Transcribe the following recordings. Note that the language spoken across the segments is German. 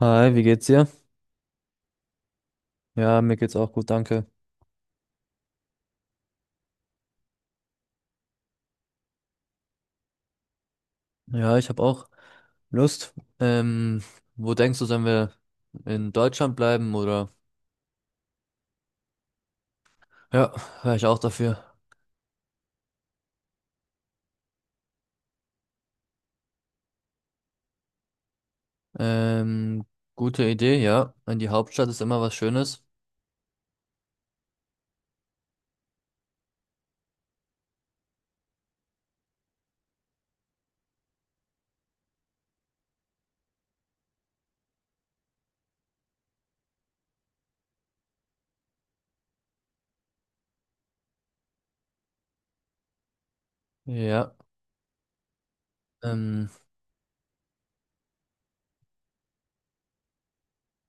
Hi, wie geht's dir? Ja, mir geht's auch gut, danke. Ja, ich habe auch Lust. Ähm, Wo denkst du, sollen wir in Deutschland bleiben oder? Ja, wäre ich auch dafür. Ähm, Gute Idee, ja. In die Hauptstadt ist immer was Schönes. Ja. Ähm,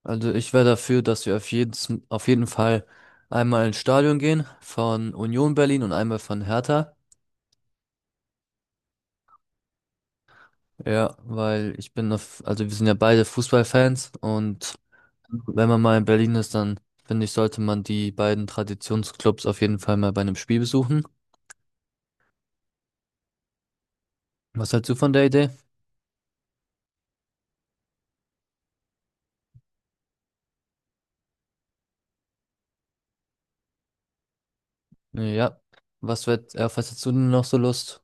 also ich wäre dafür, dass wir auf jeden Fall einmal ins Stadion gehen von Union Berlin und einmal von Hertha. Ja, weil ich bin auf, also wir sind ja beide Fußballfans und wenn man mal in Berlin ist, dann finde ich, sollte man die beiden Traditionsclubs auf jeden Fall mal bei einem Spiel besuchen. Was hältst du von der Idee? Ja. Was wird, auf was hättest du denn noch so Lust?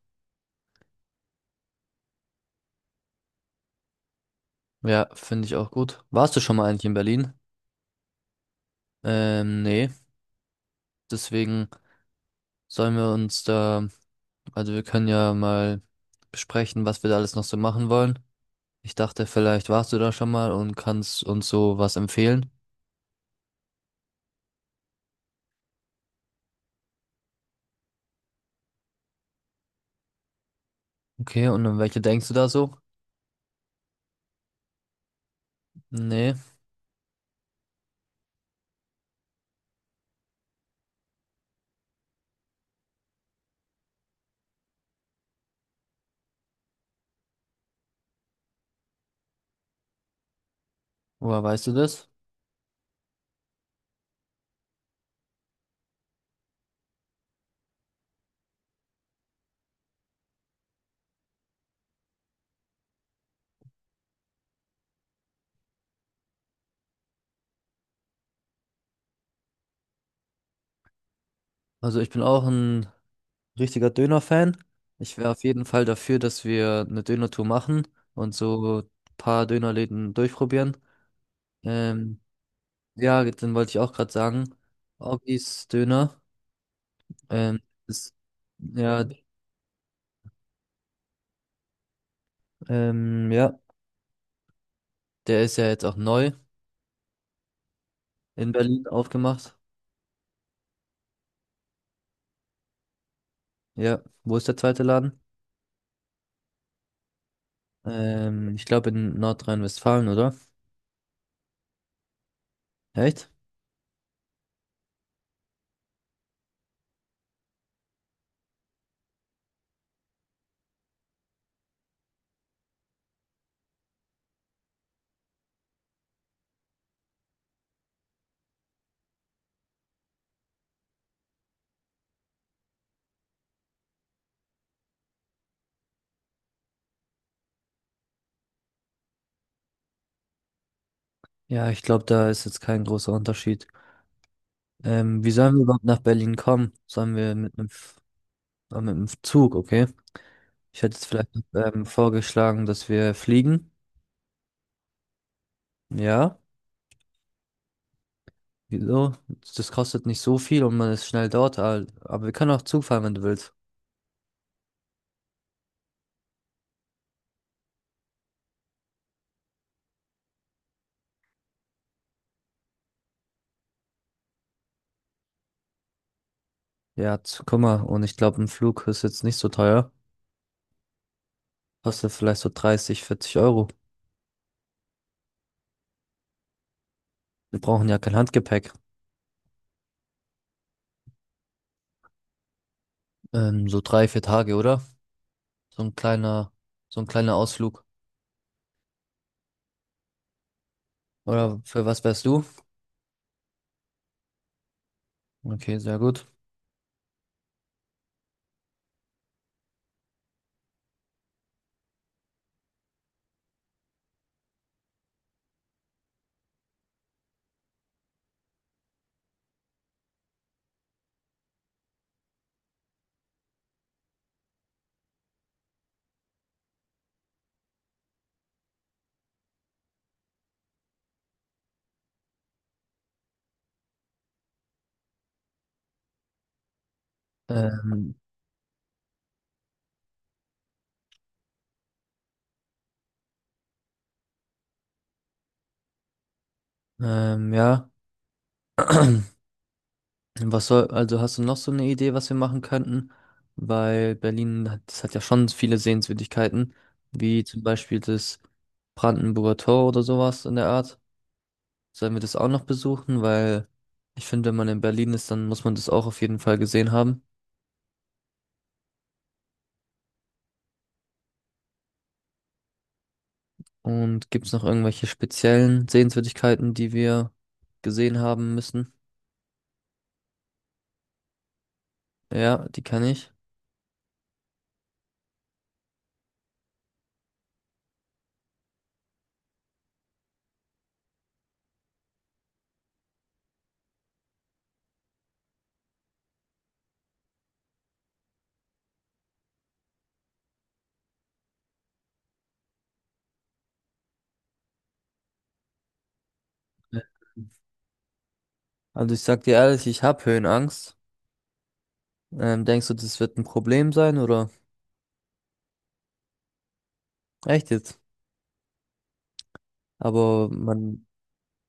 Ja, finde ich auch gut. Warst du schon mal eigentlich in Berlin? Nee. Deswegen sollen wir uns da, also wir können ja mal besprechen, was wir da alles noch so machen wollen. Ich dachte, vielleicht warst du da schon mal und kannst uns so was empfehlen. Okay, und an welche denkst du da so? Nee. Woher weißt du das? Also ich bin auch ein richtiger Döner-Fan. Ich wäre auf jeden Fall dafür, dass wir eine Döner-Tour machen und so ein paar Dönerläden durchprobieren. Ähm, ja, dann wollte ich auch gerade sagen, Augis Döner, ähm, ist, ja, ja, der ist ja jetzt auch neu in Berlin aufgemacht. Ja, wo ist der zweite Laden? Ich glaube in Nordrhein-Westfalen, oder? Echt? Ja, ich glaube, da ist jetzt kein großer Unterschied. Wie sollen wir überhaupt nach Berlin kommen? Sollen wir mit einem... Ah, mit dem Zug, okay. Ich hätte jetzt vielleicht vorgeschlagen, dass wir fliegen. Ja, wieso? Das kostet nicht so viel und man ist schnell dort. Aber wir können auch Zug fahren, wenn du willst. Ja, guck mal. Und ich glaube, ein Flug ist jetzt nicht so teuer. Kostet vielleicht so dreißig, vierzig Euro. Wir brauchen ja kein Handgepäck. So drei, vier Tage, oder? So ein kleiner, so ein kleiner Ausflug. Oder für was wärst du? Okay, sehr gut. Ähm, ja. Was soll, also hast du noch so eine Idee, was wir machen könnten? Weil Berlin hat, das hat ja schon viele Sehenswürdigkeiten, wie zum Beispiel das Brandenburger Tor oder sowas in der Art. Sollen wir das auch noch besuchen? Weil ich finde, wenn man in Berlin ist, dann muss man das auch auf jeden Fall gesehen haben. Und gibt es noch irgendwelche speziellen Sehenswürdigkeiten, die wir gesehen haben müssen? Ja, die kann ich. Ja. Also ich sag dir ehrlich, ich habe Höhenangst. Denkst du, das wird ein Problem sein oder? Echt jetzt? Aber man,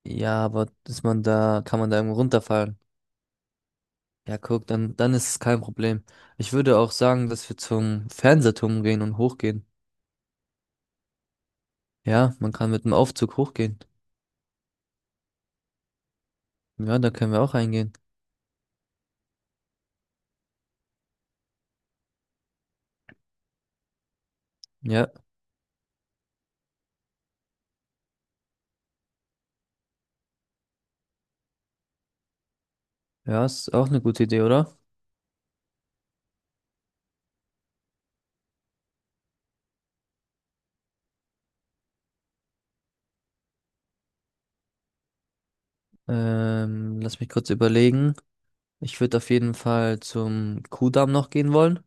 ja, aber dass man da, kann man da irgendwo runterfallen. Ja, guck, dann ist es kein Problem. Ich würde auch sagen, dass wir zum Fernsehturm gehen und hochgehen. Ja, man kann mit dem Aufzug hochgehen. Ja, da können wir auch reingehen. Ja, ja, ist auch eine gute Idee, oder? Lass mich kurz überlegen. Ich würde auf jeden Fall zum Kuhdamm noch gehen wollen.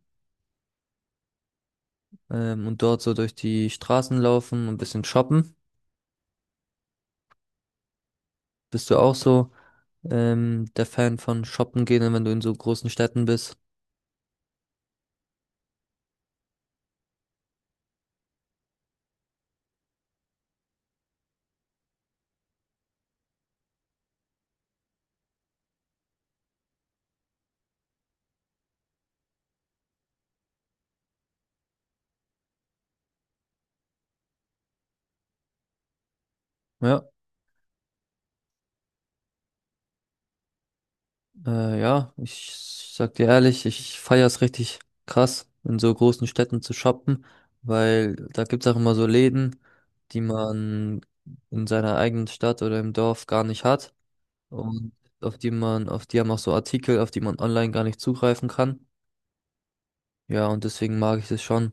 Und dort so durch die Straßen laufen und ein bisschen shoppen. Bist du auch so, der Fan von shoppen gehen, wenn du in so großen Städten bist? Ja, ja, ich sag dir ehrlich, ich feiere es richtig krass, in so großen Städten zu shoppen, weil da gibt's auch immer so Läden, die man in seiner eigenen Stadt oder im Dorf gar nicht hat und auf die haben auch so Artikel, auf die man online gar nicht zugreifen kann. Ja, und deswegen mag ich das schon.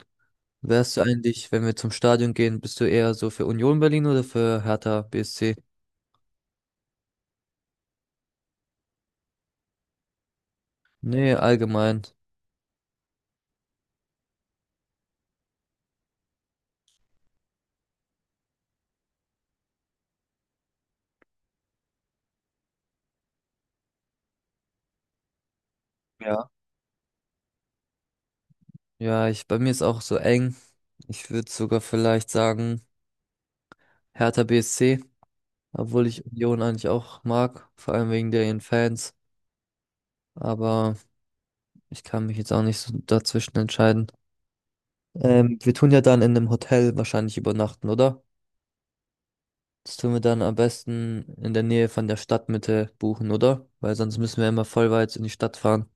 Wärst du eigentlich, wenn wir zum Stadion gehen, bist du eher so für Union Berlin oder für Hertha BSC? Nee, allgemein. Ja Ja, ich, bei mir ist auch so eng. Ich würde sogar vielleicht sagen, Hertha BSC, obwohl ich Union eigentlich auch mag, vor allem wegen der ihren Fans. Aber ich kann mich jetzt auch nicht so dazwischen entscheiden. Wir tun ja dann in einem Hotel wahrscheinlich übernachten, oder? Das tun wir dann am besten in der Nähe von der Stadtmitte buchen, oder? Weil sonst müssen wir immer voll weit in die Stadt fahren.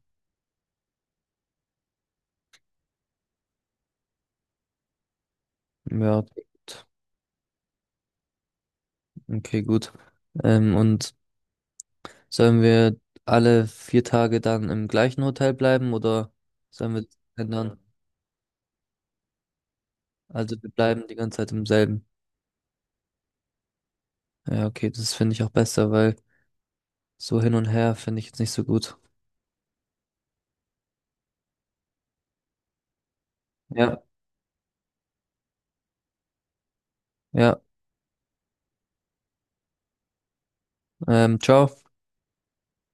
Ja, gut. Okay, gut. Ähm, und Sollen wir alle vier Tage dann im gleichen Hotel bleiben oder sollen wir das ändern? Also wir bleiben die ganze Zeit im selben. Ja, okay, das finde ich auch besser, weil so hin und her finde ich jetzt nicht so gut. Ja, ja, Ciao.